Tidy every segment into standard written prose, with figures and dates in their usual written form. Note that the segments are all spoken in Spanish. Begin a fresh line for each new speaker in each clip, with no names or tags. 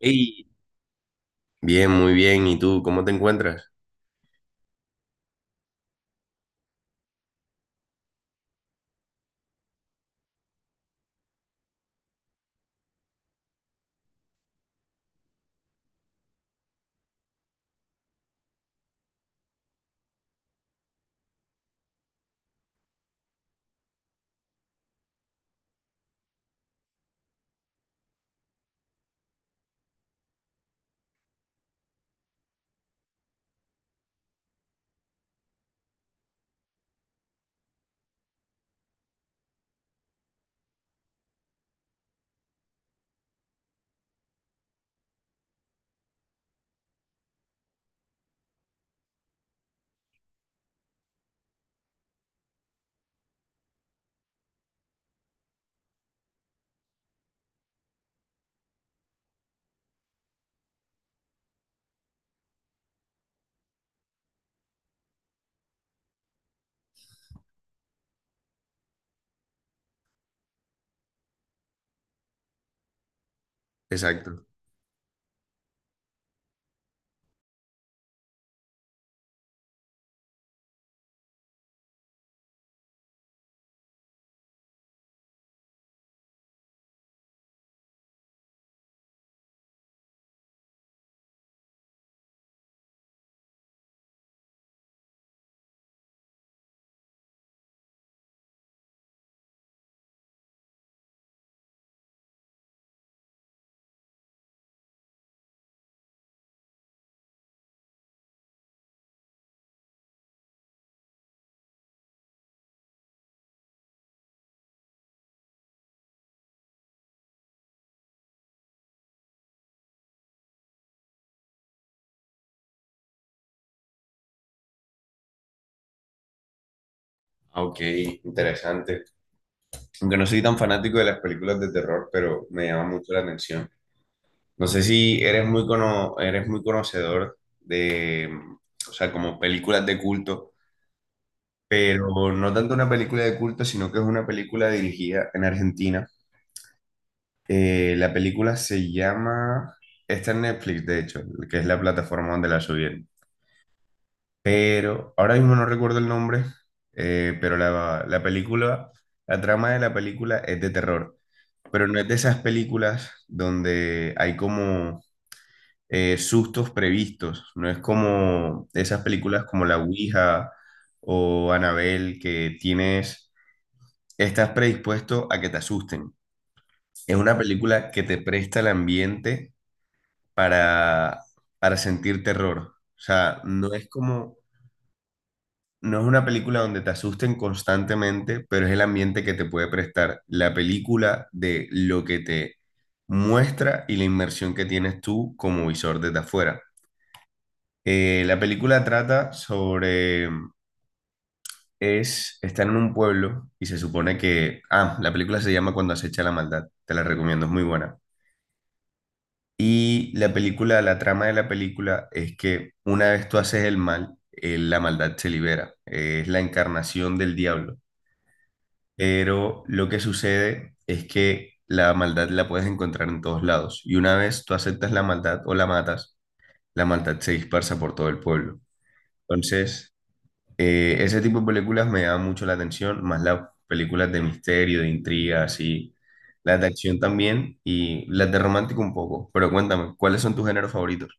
Ey, bien, muy bien. ¿Y tú cómo te encuentras? Exacto. Ah, ok, interesante. Aunque no soy tan fanático de las películas de terror, pero me llama mucho la atención. No sé si eres muy conocedor de, o sea, como películas de culto, pero no tanto una película de culto, sino que es una película dirigida en Argentina. La película se llama, está en Netflix, de hecho, que es la plataforma donde la subí. Pero ahora mismo no recuerdo el nombre, pero la película, la trama de la película es de terror, pero no es de esas películas donde hay como sustos previstos, no es como esas películas como La Ouija o Annabelle que tienes, estás predispuesto a que te asusten. Es una película que te presta el ambiente para, para sentir terror. O sea, no es como. No es una película donde te asusten constantemente, pero es el ambiente que te puede prestar la película de lo que te muestra y la inmersión que tienes tú como visor desde afuera. La película trata sobre, es, están en un pueblo y se supone que, ah, la película se llama Cuando acecha la maldad, te la recomiendo, es muy buena. Y la película, la trama de la película es que una vez tú haces el mal, la maldad se libera. Es la encarnación del diablo. Pero lo que sucede es que la maldad la puedes encontrar en todos lados. Y una vez tú aceptas la maldad o la matas, la maldad se dispersa por todo el pueblo. Entonces, ese tipo de películas me llama mucho la atención, más las películas de misterio, de intriga, así, las de acción también y las de romántico un poco. Pero cuéntame, ¿cuáles son tus géneros favoritos?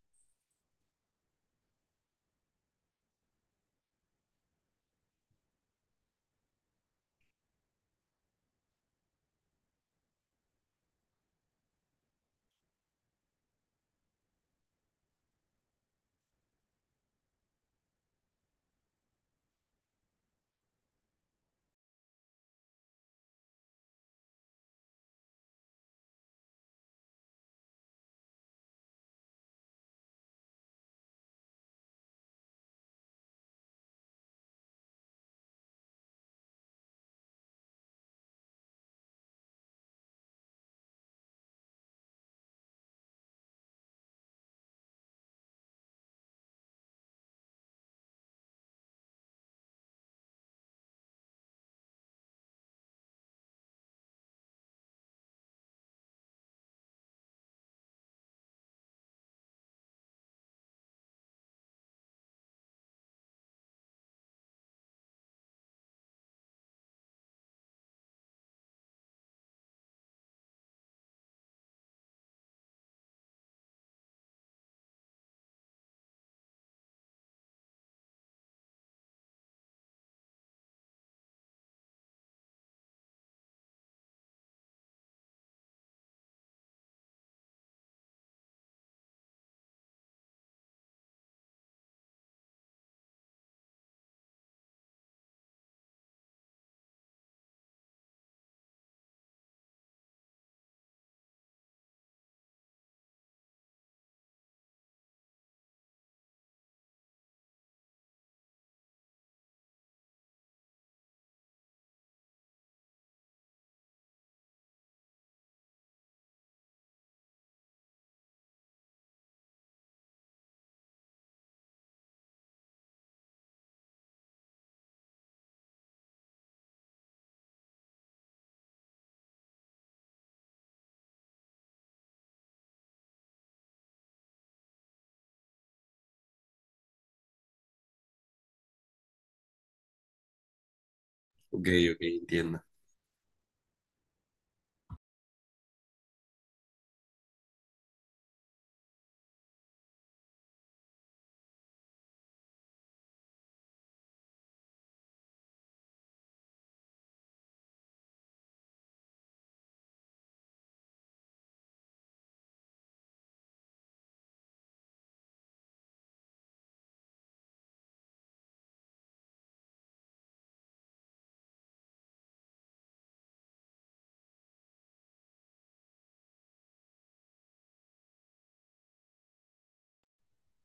Ok, ok, entiendo.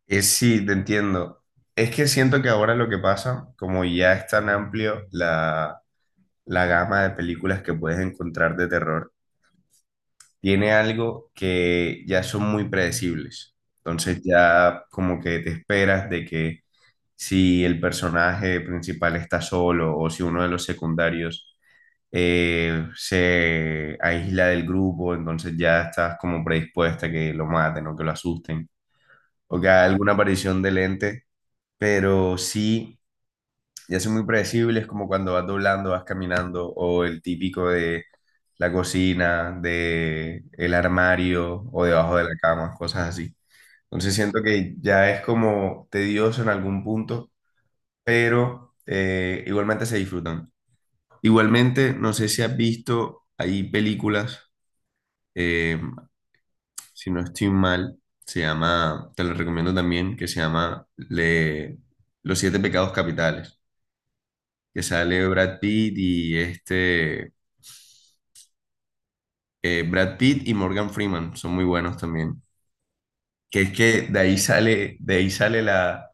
Es sí, te entiendo. Es que siento que ahora lo que pasa, como ya es tan amplio la la gama de películas que puedes encontrar de terror, tiene algo que ya son muy predecibles. Entonces ya como que te esperas de que si el personaje principal está solo o si uno de los secundarios se aísla del grupo, entonces ya estás como predispuesta a que lo maten o que lo asusten o que haga alguna aparición del ente, pero sí ya son muy predecibles, como cuando vas doblando, vas caminando, o el típico de la cocina, de el armario o debajo de la cama, cosas así. Entonces siento que ya es como tedioso en algún punto, pero igualmente se disfrutan. Igualmente, no sé si has visto, hay películas, eh, si no estoy mal, se llama, te lo recomiendo también, que Los Siete Pecados Capitales. Que sale Brad Pitt y este, Brad Pitt y Morgan Freeman, son muy buenos también. Que es que de ahí sale la,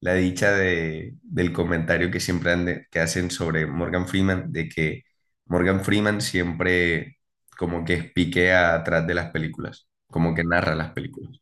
la dicha de, del comentario que que hacen sobre Morgan Freeman, de que Morgan Freeman siempre como que espiquea atrás de las películas, como que narra las películas.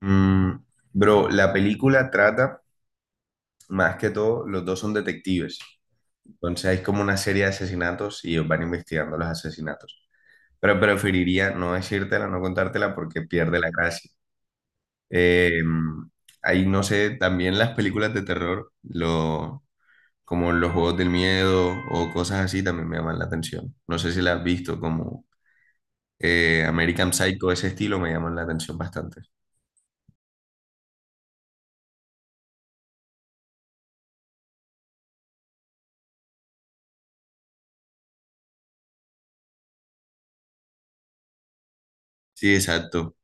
Mm, Bro, la película trata, más que todo, los dos son detectives. Entonces es como una serie de asesinatos y ellos van investigando los asesinatos. Pero preferiría no decírtela, no contártela porque pierde la gracia. Eh, Ahí no sé, también las películas de terror, lo, como los juegos del miedo o cosas así también me llaman la atención. No sé si las has visto, como American Psycho, ese estilo me llaman la atención bastante. Sí, exacto,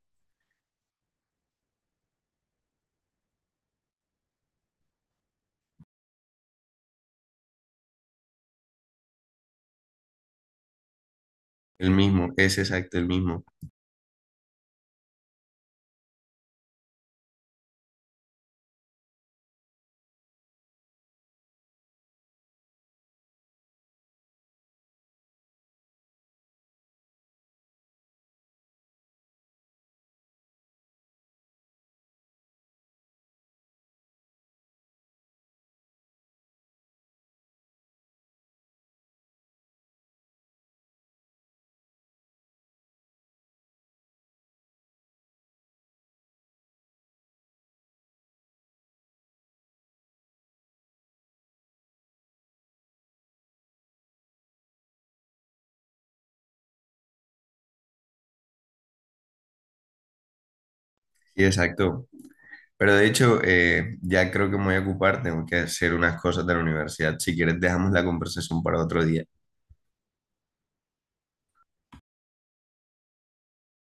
el mismo, es exacto, el mismo. Sí, exacto. Pero de hecho, ya creo que me voy a ocupar, tengo que hacer unas cosas de la universidad. Si quieres, dejamos la conversación para otro día.